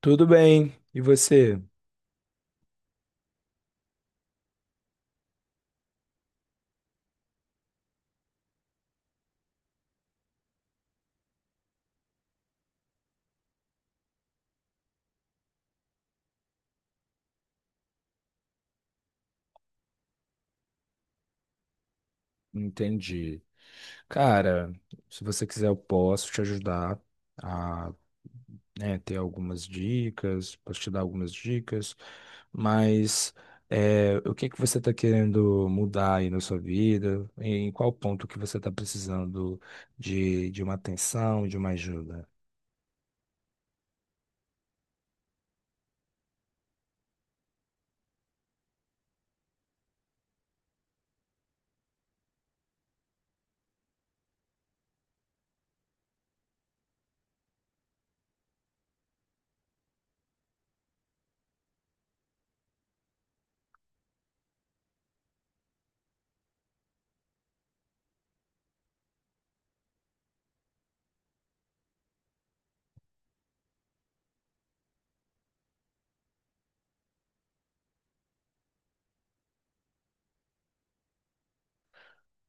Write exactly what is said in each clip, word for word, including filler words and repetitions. Tudo bem, e você? Entendi. Cara, se você quiser, eu posso te ajudar a, né, ter algumas dicas, posso te dar algumas dicas, mas é, o que que você está querendo mudar aí na sua vida? Em qual ponto que você está precisando de, de uma atenção, de uma ajuda?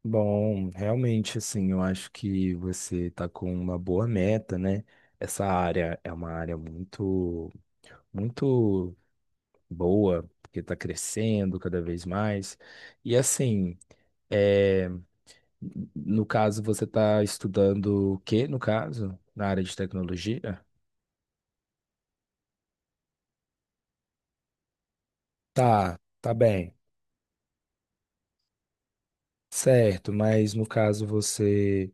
Bom, realmente, assim, eu acho que você está com uma boa meta, né? Essa área é uma área muito, muito boa, porque está crescendo cada vez mais. E assim, é, no caso, você está estudando o quê, no caso? Na área de tecnologia? Tá, tá bem. Certo, mas no caso você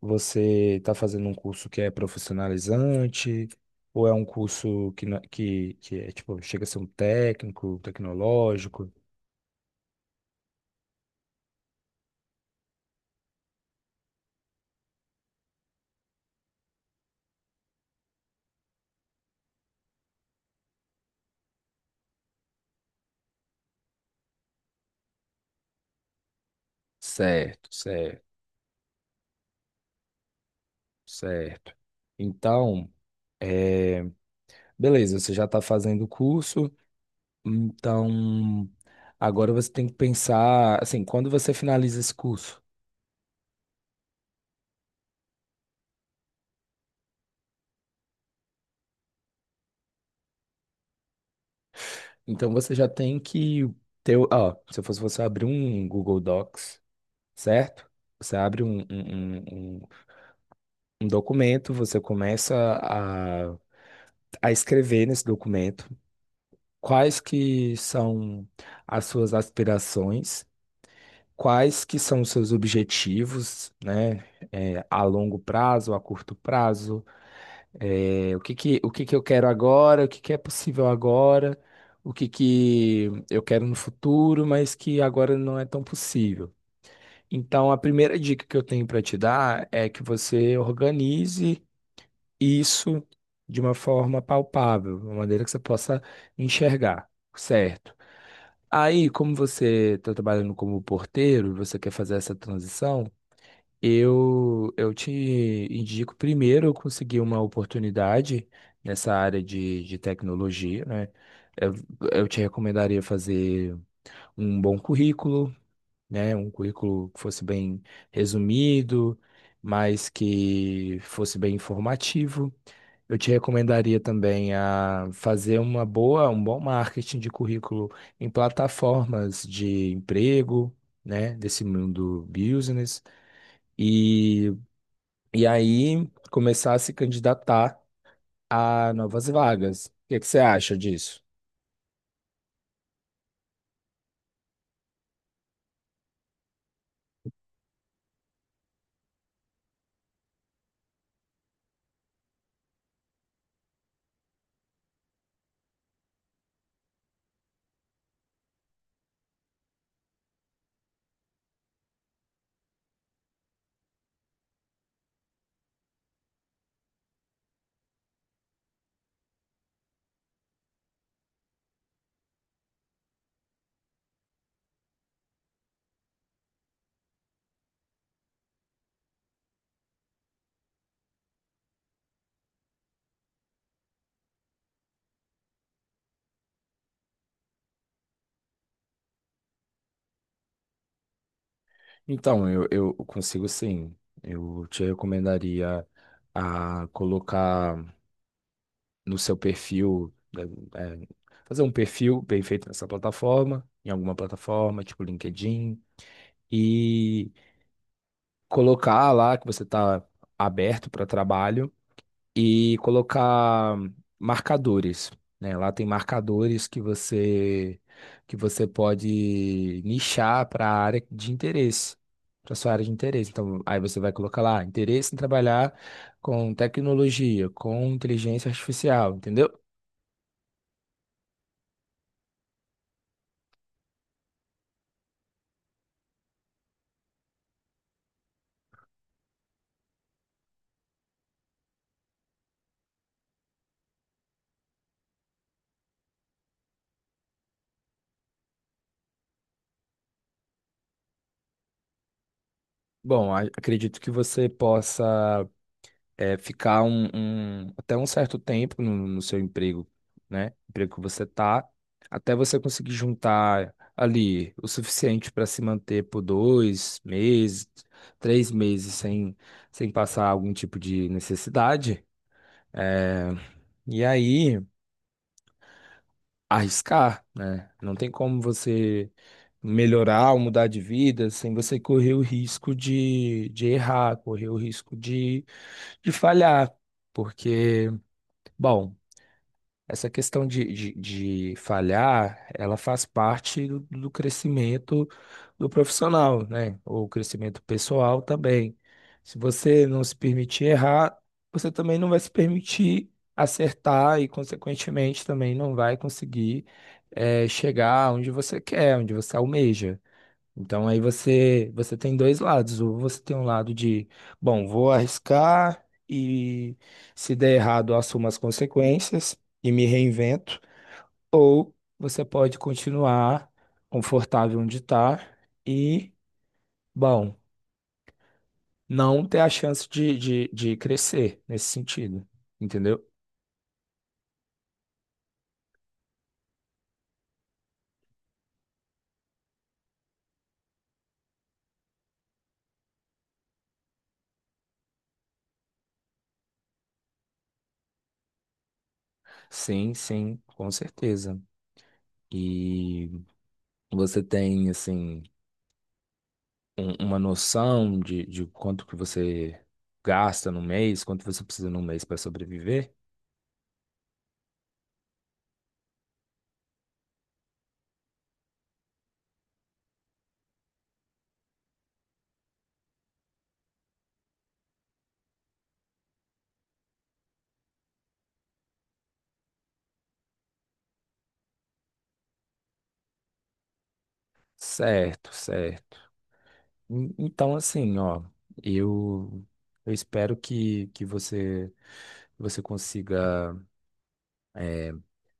você está fazendo um curso que é profissionalizante ou é um curso que, na- que, que é tipo, chega a ser um técnico, tecnológico? Certo, certo, certo. Então, beleza, você já está fazendo o curso, então agora você tem que pensar, assim, quando você finaliza esse curso, então você já tem que ter, o- ó, se eu fosse você abrir um Google Docs, certo? Você abre um, um, um, um um documento, você começa a, a escrever nesse documento quais que são as suas aspirações, quais que são os seus objetivos, né? É, a longo prazo, a curto prazo. É, o que que, o que que eu quero agora, o que que é possível agora, o que que eu quero no futuro, mas que agora não é tão possível. Então, a primeira dica que eu tenho para te dar é que você organize isso de uma forma palpável, de uma maneira que você possa enxergar, certo? Aí, como você está trabalhando como porteiro, você quer fazer essa transição, eu, eu te indico primeiro eu conseguir uma oportunidade nessa área de, de tecnologia, né? Eu, eu te recomendaria fazer um bom currículo, né? Um currículo que fosse bem resumido, mas que fosse bem informativo. Eu te recomendaria também a fazer uma boa, um bom marketing de currículo em plataformas de emprego, né? Desse mundo business. E e aí começar a se candidatar a novas vagas. O que é que você acha disso? Então, eu, eu consigo sim. Eu te recomendaria a colocar no seu perfil, eh, eh, fazer um perfil bem feito nessa plataforma, em alguma plataforma, tipo LinkedIn, e colocar lá que você está aberto para trabalho e colocar marcadores, né? Lá tem marcadores que você que você pode nichar para a área de interesse, para sua área de interesse. Então, aí você vai colocar lá interesse em trabalhar com tecnologia, com inteligência artificial, entendeu? Bom, a- acredito que você possa é, ficar um, um- até um certo tempo no, no seu emprego, né? Emprego que você tá, até você conseguir juntar ali o suficiente para se manter por dois meses, três meses sem, sem passar algum tipo de necessidade. É, e aí, arriscar, né? Não tem como você melhorar ou mudar de vida sem você correr o risco de, de errar, correr o risco de, de falhar, porque bom, essa questão de, de, de falhar, ela faz parte do, do crescimento do profissional, né? O crescimento pessoal também. Se você não se permitir errar, você também não vai se permitir acertar e, consequentemente, também não vai conseguir, eh, chegar onde você quer, onde você almeja. Então aí você você tem dois lados. Ou você tem um lado de, bom, vou arriscar e se der errado, eu assumo as consequências e me reinvento. Ou você pode continuar confortável onde está e, bom, não ter a chance de, de, de crescer nesse sentido. Entendeu? Sim, sim, com certeza. E você tem, assim, um- uma noção de, de quanto que você gasta no mês, quanto você precisa no mês para sobreviver? Certo, certo. En- Então, assim, ó, eu, eu espero que, que você, você consiga é,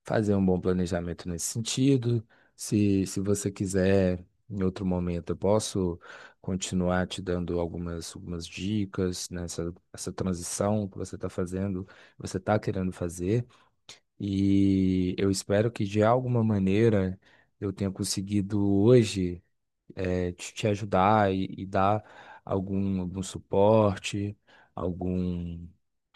fazer um bom planejamento nesse sentido. Se, se você quiser, em outro momento, eu posso continuar te dando algumas, algumas dicas nessa essa transição que você está fazendo, que você está querendo fazer. E eu espero que de alguma maneira eu tenha conseguido hoje eh, te, te ajudar e, e dar algum, algum suporte, algum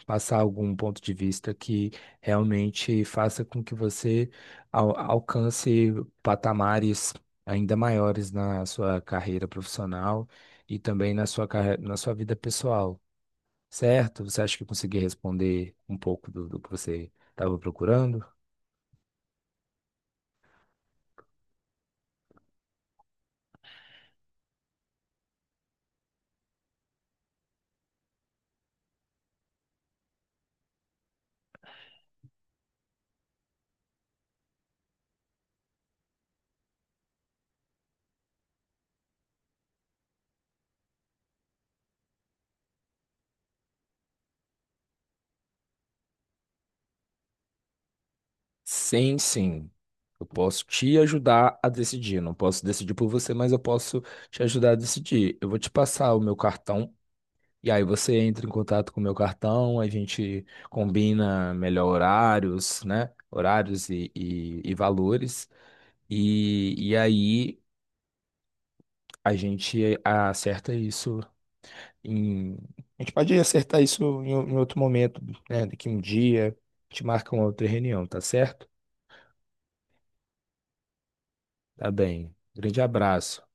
passar algum ponto de vista que realmente faça com que você al- alcance patamares ainda maiores na sua carreira profissional e também na sua, carre- na sua vida pessoal, certo? Você acha que eu consegui responder um pouco do do que você estava procurando? Sim, sim. Eu posso te ajudar a decidir. Não posso decidir por você, mas eu posso te ajudar a decidir. Eu vou te passar o meu cartão e aí você entra em contato com o meu cartão, a gente combina melhor horários, né? Horários e, e, e valores. E, e aí a gente acerta isso em. A gente pode acertar isso em, em outro momento, né? Daqui um dia, a gente marca uma outra reunião, tá certo? Tá bem. Grande abraço.